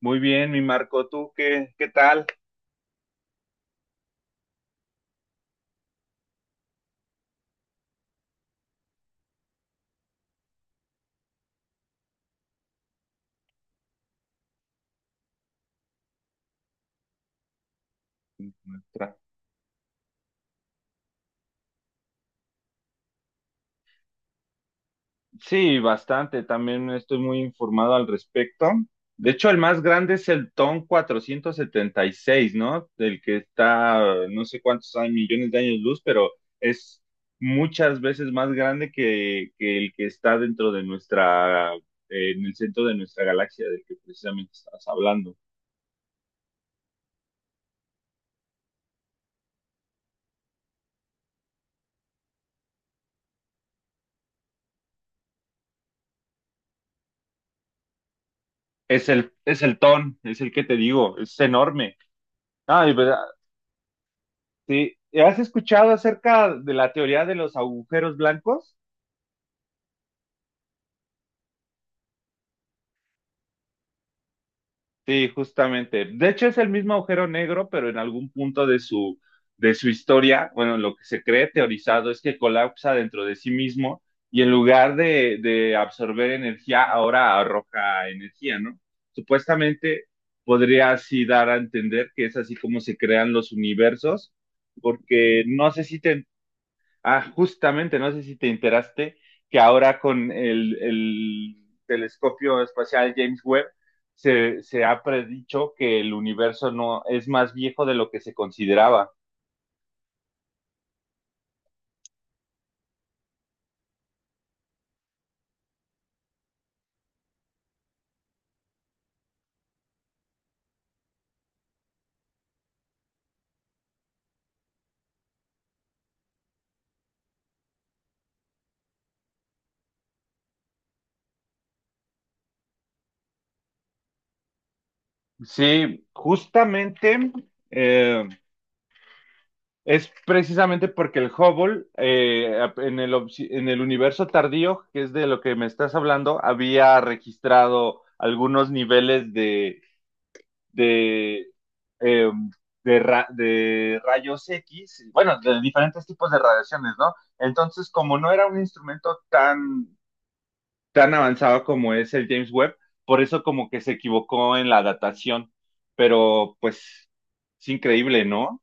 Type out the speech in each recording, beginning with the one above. Muy bien, mi Marco, ¿tú qué tal? Nuestra- Sí, bastante, también estoy muy informado al respecto. De hecho, el más grande es el TON 476, ¿no? Del que está, no sé cuántos hay, millones de años luz, pero es muchas veces más grande que el que está en el centro de nuestra galaxia, del que precisamente estabas hablando. Es el TON, es el que te digo, es enorme. Ah, y verdad. Sí, ¿has escuchado acerca de la teoría de los agujeros blancos? Sí, justamente. De hecho, es el mismo agujero negro, pero en algún punto de su historia, bueno, lo que se cree teorizado es que colapsa dentro de sí mismo y en lugar de absorber energía, ahora arroja energía, ¿no? Supuestamente podría así dar a entender que es así como se crean los universos, porque no sé si te. Ah, justamente, no sé si te enteraste que ahora con el telescopio espacial James Webb se ha predicho que el universo no es más viejo de lo que se consideraba. Sí, justamente, eh, es precisamente porque el Hubble, en el, obs- en el universo tardío, que es de lo que me estás hablando, había registrado algunos niveles de, eh, de rayos X, bueno, de diferentes tipos de radiaciones, ¿no? Entonces, como no era un instrumento tan avanzado como es el James Webb, por eso como que se equivocó en la datación, pero pues es increíble, ¿no?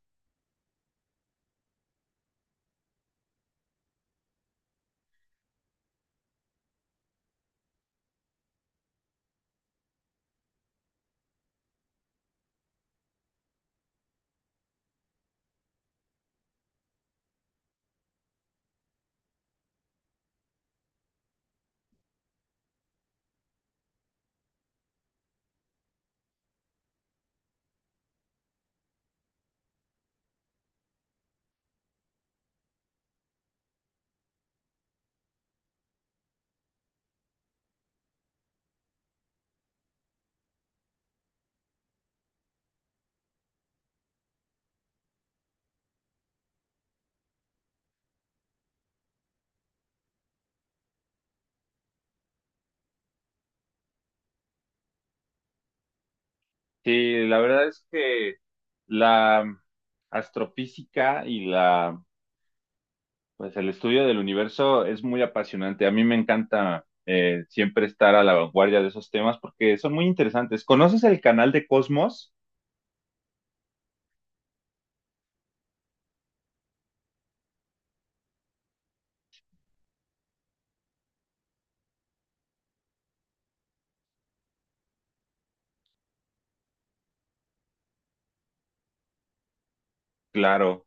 Sí, la verdad es que la astrofísica y la pues el estudio del universo es muy apasionante. A mí me encanta, siempre estar a la vanguardia de esos temas porque son muy interesantes. ¿Conoces el canal de Cosmos? Claro,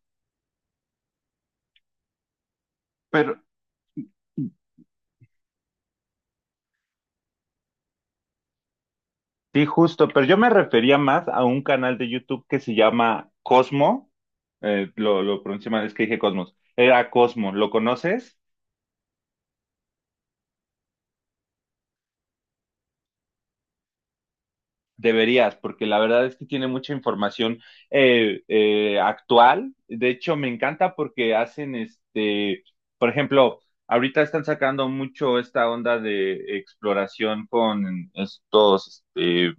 pero sí, justo, pero yo me refería más a un canal de YouTube que se llama Cosmo. Lo pronuncié mal, es que dije Cosmos. Era Cosmo, ¿lo conoces? Deberías, porque la verdad es que tiene mucha información, actual. De hecho, me encanta porque hacen este, por ejemplo, ahorita están sacando mucho esta onda de exploración con estos, este,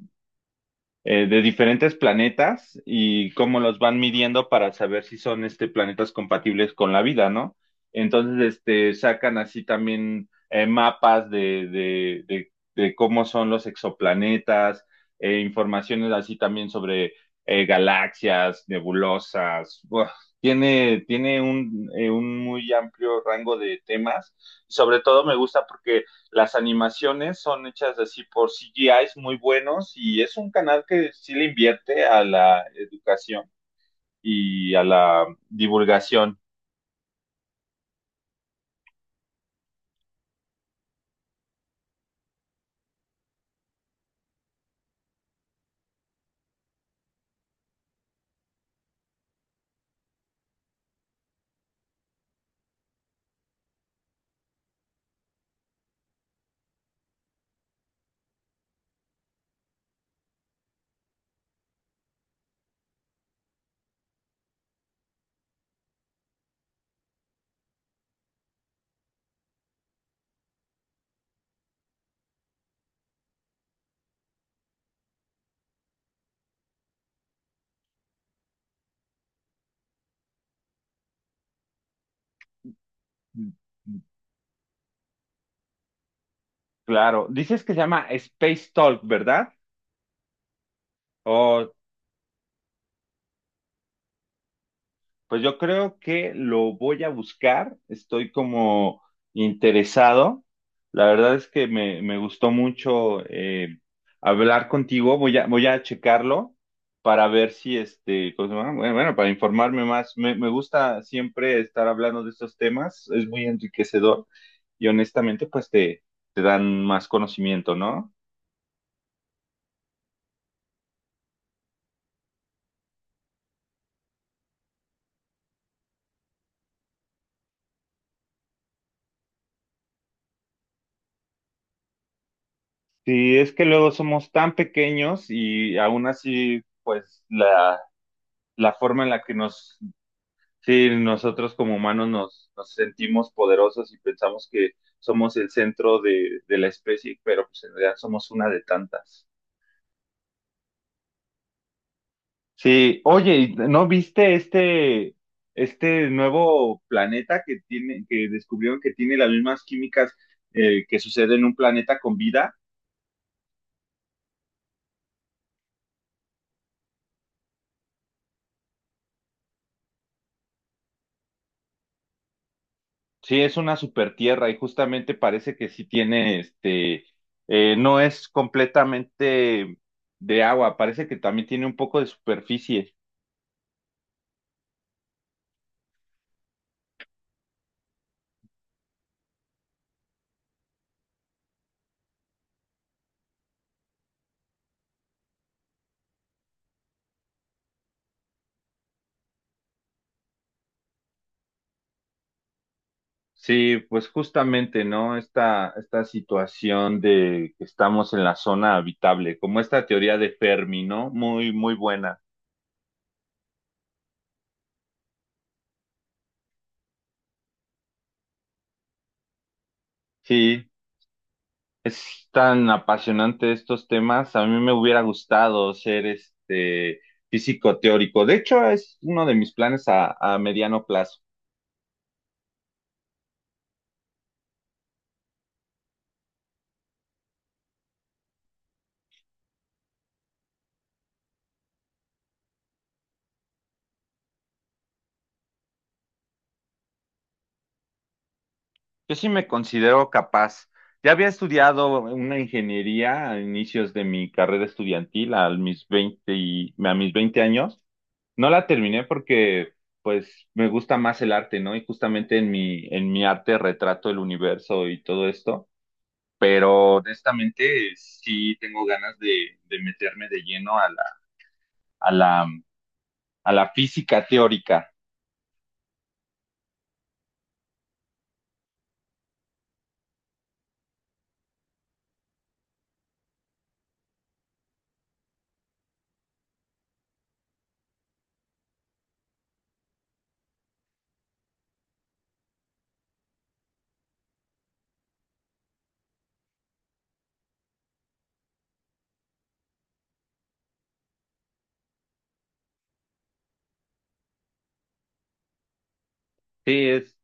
de diferentes planetas y cómo los van midiendo para saber si son este, planetas compatibles con la vida, ¿no? Entonces, este, sacan así también, mapas de cómo son los exoplanetas, informaciones así también sobre galaxias, nebulosas. Buah, tiene un muy amplio rango de temas. Sobre todo me gusta porque las animaciones son hechas así por CGIs muy buenos y es un canal que sí le invierte a la educación y a la divulgación. Claro, dices que se llama Space Talk, ¿verdad? Pues yo creo que lo voy a buscar, estoy como interesado. La verdad es que me gustó mucho, hablar contigo. Voy a checarlo para ver si este, ¿cómo se llama? Bueno, bueno, para informarme más. Me gusta siempre estar hablando de estos temas, es muy enriquecedor y honestamente pues te dan más conocimiento, ¿no? Sí, es que luego somos tan pequeños y aún así pues la forma en la que nos. Sí, nosotros como humanos nos sentimos poderosos y pensamos que somos el centro de la especie, pero pues en realidad somos una de tantas. Sí, oye, ¿y no viste este, nuevo planeta que descubrieron que tiene las mismas químicas, que sucede en un planeta con vida? Sí, es una supertierra y justamente parece que sí tiene este, no es completamente de agua, parece que también tiene un poco de superficie. Sí, pues justamente, ¿no? Esta situación de que estamos en la zona habitable, como esta teoría de Fermi, ¿no? Muy, muy buena. Sí, es tan apasionante estos temas. A mí me hubiera gustado ser este físico teórico. De hecho, es uno de mis planes a mediano plazo. Yo sí me considero capaz. Ya había estudiado una ingeniería a inicios de mi carrera estudiantil, a mis 20 años. No la terminé porque, pues, me gusta más el arte, ¿no? Y justamente en mi arte retrato el universo y todo esto, pero honestamente sí tengo ganas de meterme de lleno a a la, la física teórica. Sí,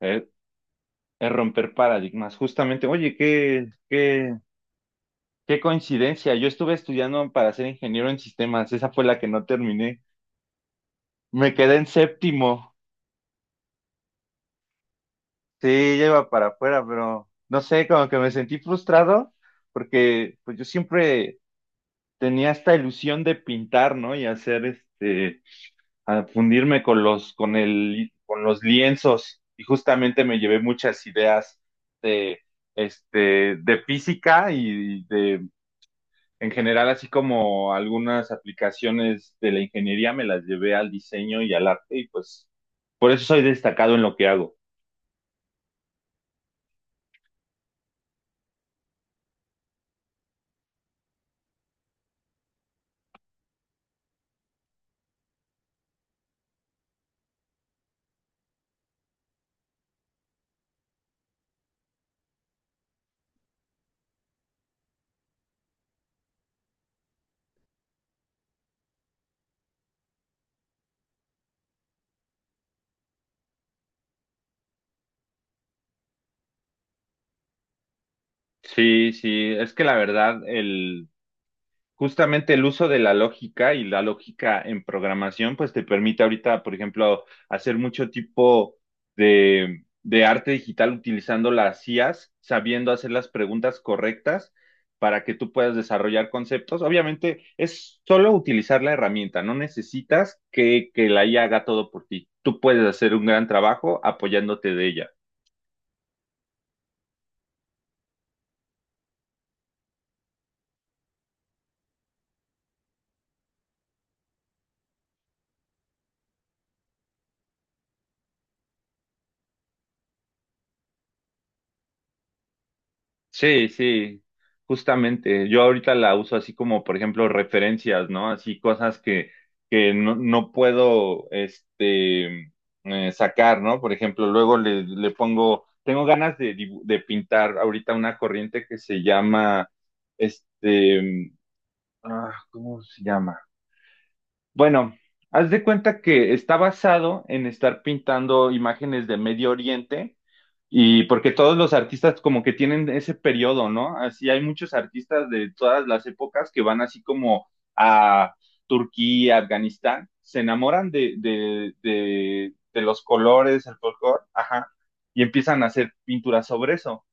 es, es romper paradigmas. Justamente, oye, qué coincidencia. Yo estuve estudiando para ser ingeniero en sistemas, esa fue la que no terminé. Me quedé en séptimo. Sí, ya iba para afuera, pero no sé, como que me sentí frustrado porque pues yo siempre tenía esta ilusión de pintar, ¿no? Y hacer este, a fundirme con los lienzos. Y justamente me llevé muchas ideas de, de física y de, en general, así como algunas aplicaciones de la ingeniería, me las llevé al diseño y al arte y pues por eso soy destacado en lo que hago. Sí, sí, es que la verdad, justamente el uso de la lógica y la lógica en programación, pues te permite ahorita, por ejemplo, hacer mucho tipo de arte digital utilizando las IAs, sabiendo hacer las preguntas correctas para que tú puedas desarrollar conceptos. Obviamente, es solo utilizar la herramienta, no necesitas que la IA haga todo por ti. Tú puedes hacer un gran trabajo apoyándote de ella. Sí, sí, justamente. Yo ahorita la uso así como, por ejemplo, referencias, ¿no? Así cosas que no puedo, este, sacar, ¿no? Por ejemplo, luego le pongo, tengo ganas de pintar ahorita una corriente que se llama, este, ah, ¿cómo se llama? Bueno, haz de cuenta que está basado en estar pintando imágenes de Medio Oriente y porque todos los artistas como que tienen ese periodo, ¿no? Así hay muchos artistas de todas las épocas que van así como a Turquía, Afganistán, se enamoran de los colores, el folclore, ajá, y empiezan a hacer pinturas sobre eso.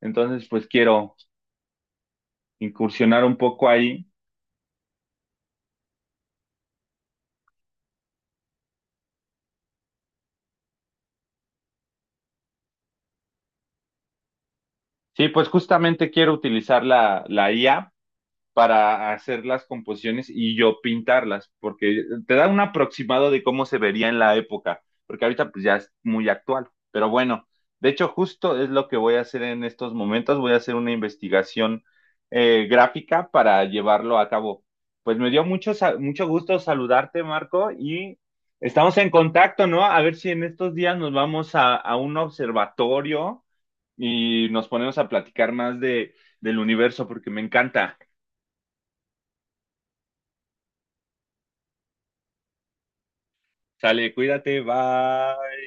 Entonces, pues quiero incursionar un poco ahí. Sí, pues justamente quiero utilizar la IA para hacer las composiciones y yo pintarlas, porque te da un aproximado de cómo se vería en la época, porque ahorita pues ya es muy actual. Pero bueno, de hecho justo es lo que voy a hacer en estos momentos, voy a hacer una investigación, gráfica para llevarlo a cabo. Pues me dio mucho gusto saludarte, Marco, y estamos en contacto, ¿no? A ver si en estos días nos vamos a un observatorio y nos ponemos a platicar más del universo, porque me encanta. Sale, cuídate, bye.